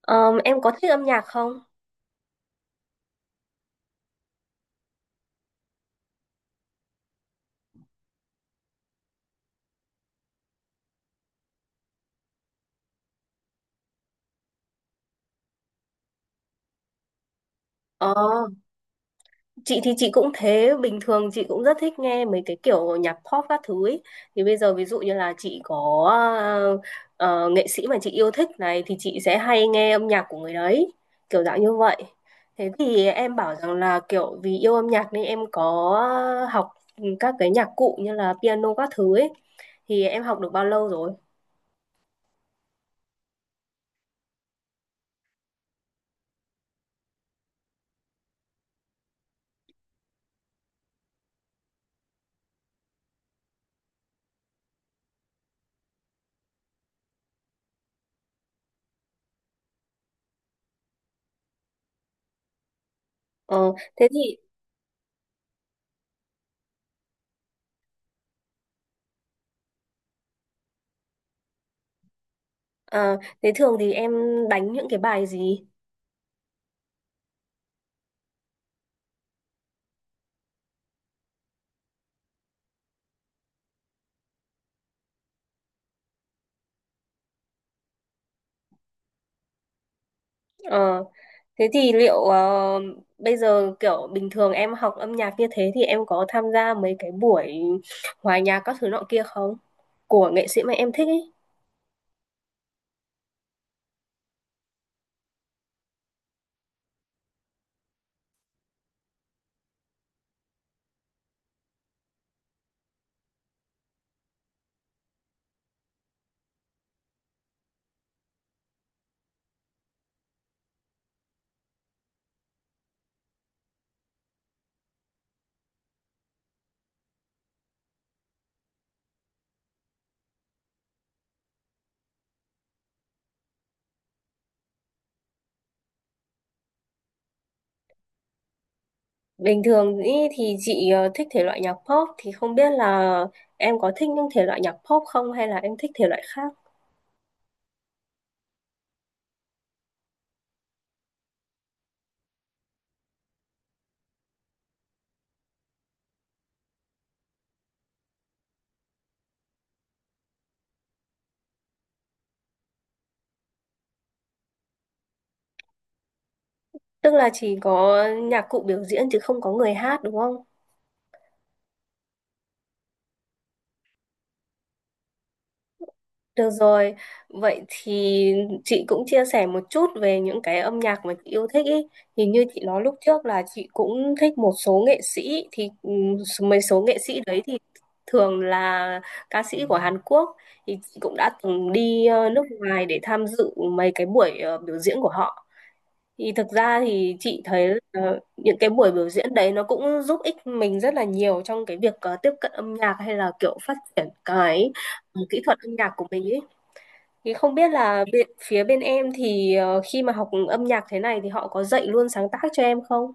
Em có thích âm nhạc không? Ờ, chị thì chị cũng thế, bình thường chị cũng rất thích nghe mấy cái kiểu nhạc pop các thứ ấy. Thì bây giờ ví dụ như là chị có ờ, nghệ sĩ mà chị yêu thích này thì chị sẽ hay nghe âm nhạc của người đấy, kiểu dạng như vậy. Thế thì em bảo rằng là kiểu vì yêu âm nhạc nên em có học các cái nhạc cụ như là piano các thứ ấy. Thì em học được bao lâu rồi? Ờ, Thế thì ờ, thế thường thì em đánh những cái bài gì? Ờ, Thế thì liệu bây giờ kiểu bình thường em học âm nhạc như thế thì em có tham gia mấy cái buổi hòa nhạc các thứ nọ kia không? Của nghệ sĩ mà em thích ấy. Bình thường ý thì chị thích thể loại nhạc pop thì không biết là em có thích những thể loại nhạc pop không hay là em thích thể loại khác? Tức là chỉ có nhạc cụ biểu diễn chứ không có người hát đúng không? Được rồi, vậy thì chị cũng chia sẻ một chút về những cái âm nhạc mà chị yêu thích ý. Thì như chị nói lúc trước là chị cũng thích một số nghệ sĩ thì mấy số nghệ sĩ đấy thì thường là ca sĩ của Hàn Quốc thì chị cũng đã từng đi nước ngoài để tham dự mấy cái buổi biểu diễn của họ. Thì thực ra thì chị thấy những cái buổi biểu diễn đấy nó cũng giúp ích mình rất là nhiều trong cái việc tiếp cận âm nhạc hay là kiểu phát triển cái kỹ thuật âm nhạc của mình ý, thì không biết là bên, phía bên em thì khi mà học âm nhạc thế này thì họ có dạy luôn sáng tác cho em không?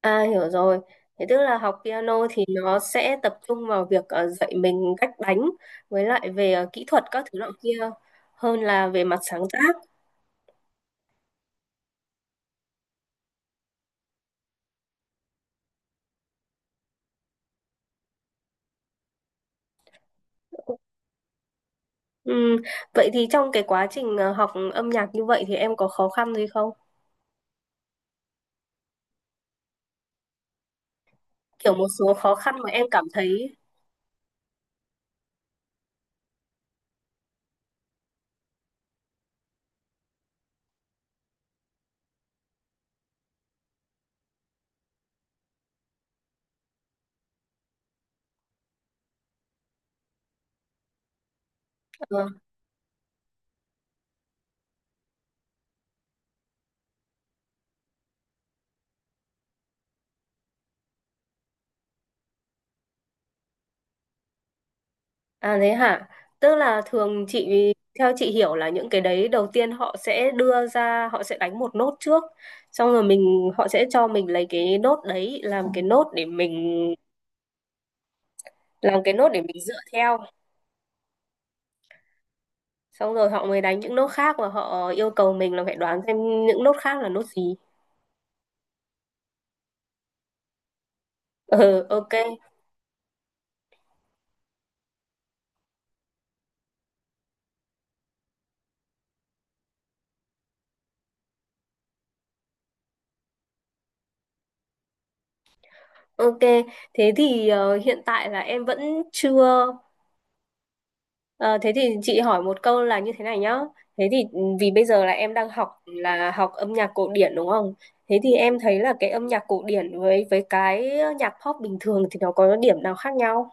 À hiểu rồi. Thế tức là học piano thì nó sẽ tập trung vào việc dạy mình cách đánh với lại về kỹ thuật các thứ loại kia hơn là về mặt sáng tác. Ừm, Vậy thì trong cái quá trình học âm nhạc như vậy thì em có khó khăn gì không? Kiểu một số khó khăn mà em cảm thấy ờ, à thế hả? Tức là thường chị, theo chị hiểu là những cái đấy đầu tiên họ sẽ đưa ra, họ sẽ đánh một nốt trước, xong rồi mình họ sẽ cho mình lấy cái nốt đấy làm cái nốt để mình, làm cái nốt để mình dựa theo, xong rồi họ mới đánh những nốt khác và họ yêu cầu mình là phải đoán xem những nốt khác là nốt gì. Ừ, ok, ok, thế thì hiện tại là em vẫn chưa. Ờ, Thế thì chị hỏi một câu là như thế này nhá. Thế thì ừ, vì bây giờ là em đang học là học âm nhạc cổ điển đúng không? Thế thì em thấy là cái âm nhạc cổ điển với cái nhạc pop bình thường thì nó có điểm nào khác nhau?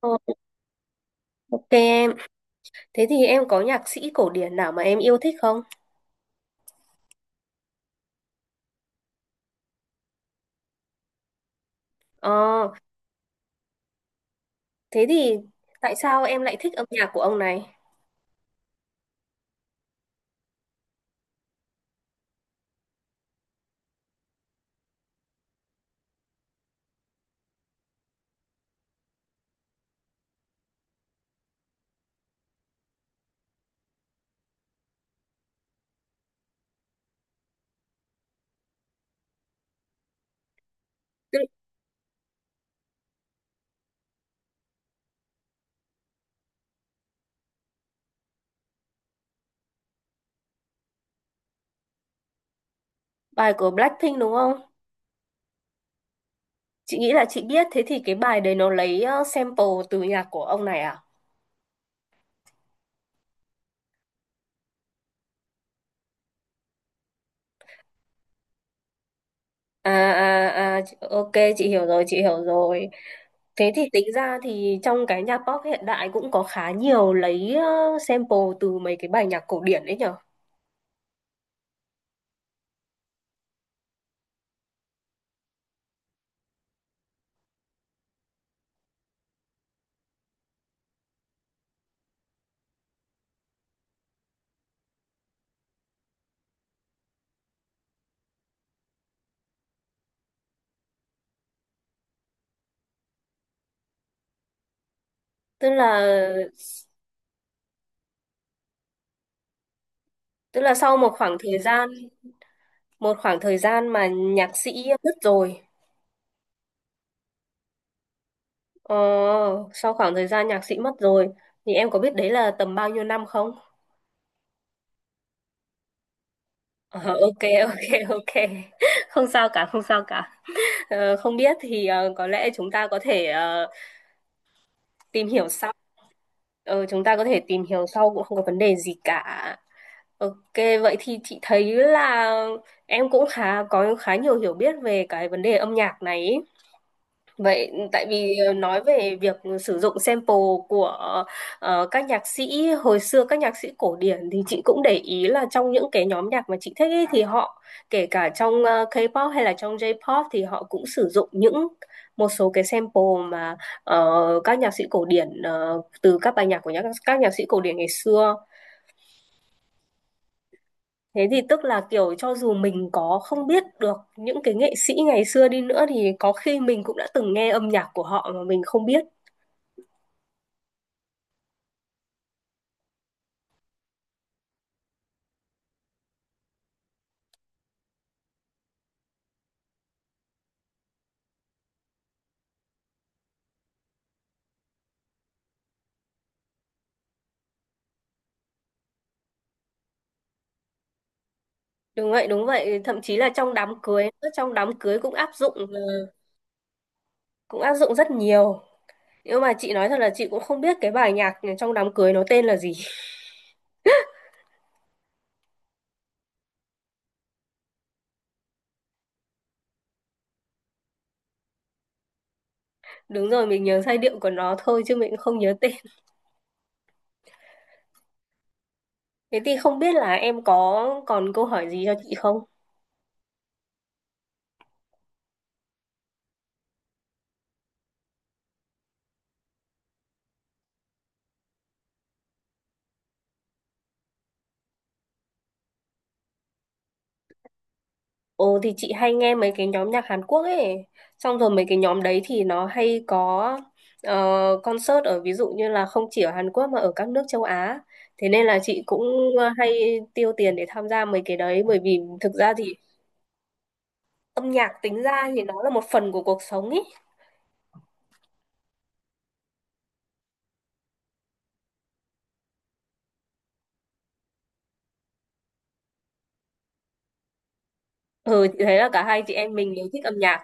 Ờ, ok em. Thế thì em có nhạc sĩ cổ điển nào mà em yêu thích không? Ờ, Thế thì tại sao em lại thích âm nhạc của ông này? Tức- Bài của Blackpink đúng không? Chị nghĩ là chị biết. Thế thì cái bài đấy nó lấy sample từ nhạc của ông này à? À, à, à, chị- ok, chị hiểu rồi. Thế thì tính ra thì trong cái nhạc pop hiện đại cũng có khá nhiều lấy sample từ mấy cái bài nhạc cổ điển đấy nhở. Tức là tức là sau một khoảng thời gian, một khoảng thời gian mà nhạc sĩ mất rồi, ờ, sau khoảng thời gian nhạc sĩ mất rồi thì em có biết đấy là tầm bao nhiêu năm không? Ờ, ok, ok, ok. Không sao cả, không sao cả. Không biết thì có lẽ chúng ta có thể tìm hiểu sau. Chúng ta có thể tìm hiểu sau cũng không có vấn đề gì cả. Ok, vậy thì chị thấy là em cũng có khá nhiều hiểu biết về cái vấn đề âm nhạc này ý. Vậy tại vì nói về việc sử dụng sample của các nhạc sĩ hồi xưa, các nhạc sĩ cổ điển thì chị cũng để ý là trong những cái nhóm nhạc mà chị thích ấy, thì họ kể cả trong K-pop hay là trong J-pop thì họ cũng sử dụng những một số cái sample mà các nhạc sĩ cổ điển từ các bài nhạc của nhạc, các nhạc sĩ cổ điển ngày xưa. Thế thì tức là kiểu cho dù mình có không biết được những cái nghệ sĩ ngày xưa đi nữa thì có khi mình cũng đã từng nghe âm nhạc của họ mà mình không biết. Đúng vậy, thậm chí là trong đám cưới cũng áp dụng, cũng áp dụng rất nhiều. Nhưng mà chị nói thật là chị cũng không biết cái bài nhạc trong đám cưới nó tên là gì. Đúng rồi, mình nhớ giai điệu của nó thôi chứ mình cũng không nhớ tên. Thế thì không biết là em có còn câu hỏi gì cho chị không? Ồ thì chị hay nghe mấy cái nhóm nhạc Hàn Quốc ấy. Xong rồi mấy cái nhóm đấy thì nó hay có concert ở ví dụ như là không chỉ ở Hàn Quốc mà ở các nước châu Á. Thế nên là chị cũng hay tiêu tiền để tham gia mấy cái đấy. Bởi vì thực ra thì âm nhạc tính ra thì nó là một phần của cuộc sống ấy. Ừ, chị thấy là cả hai chị em mình đều thích âm nhạc.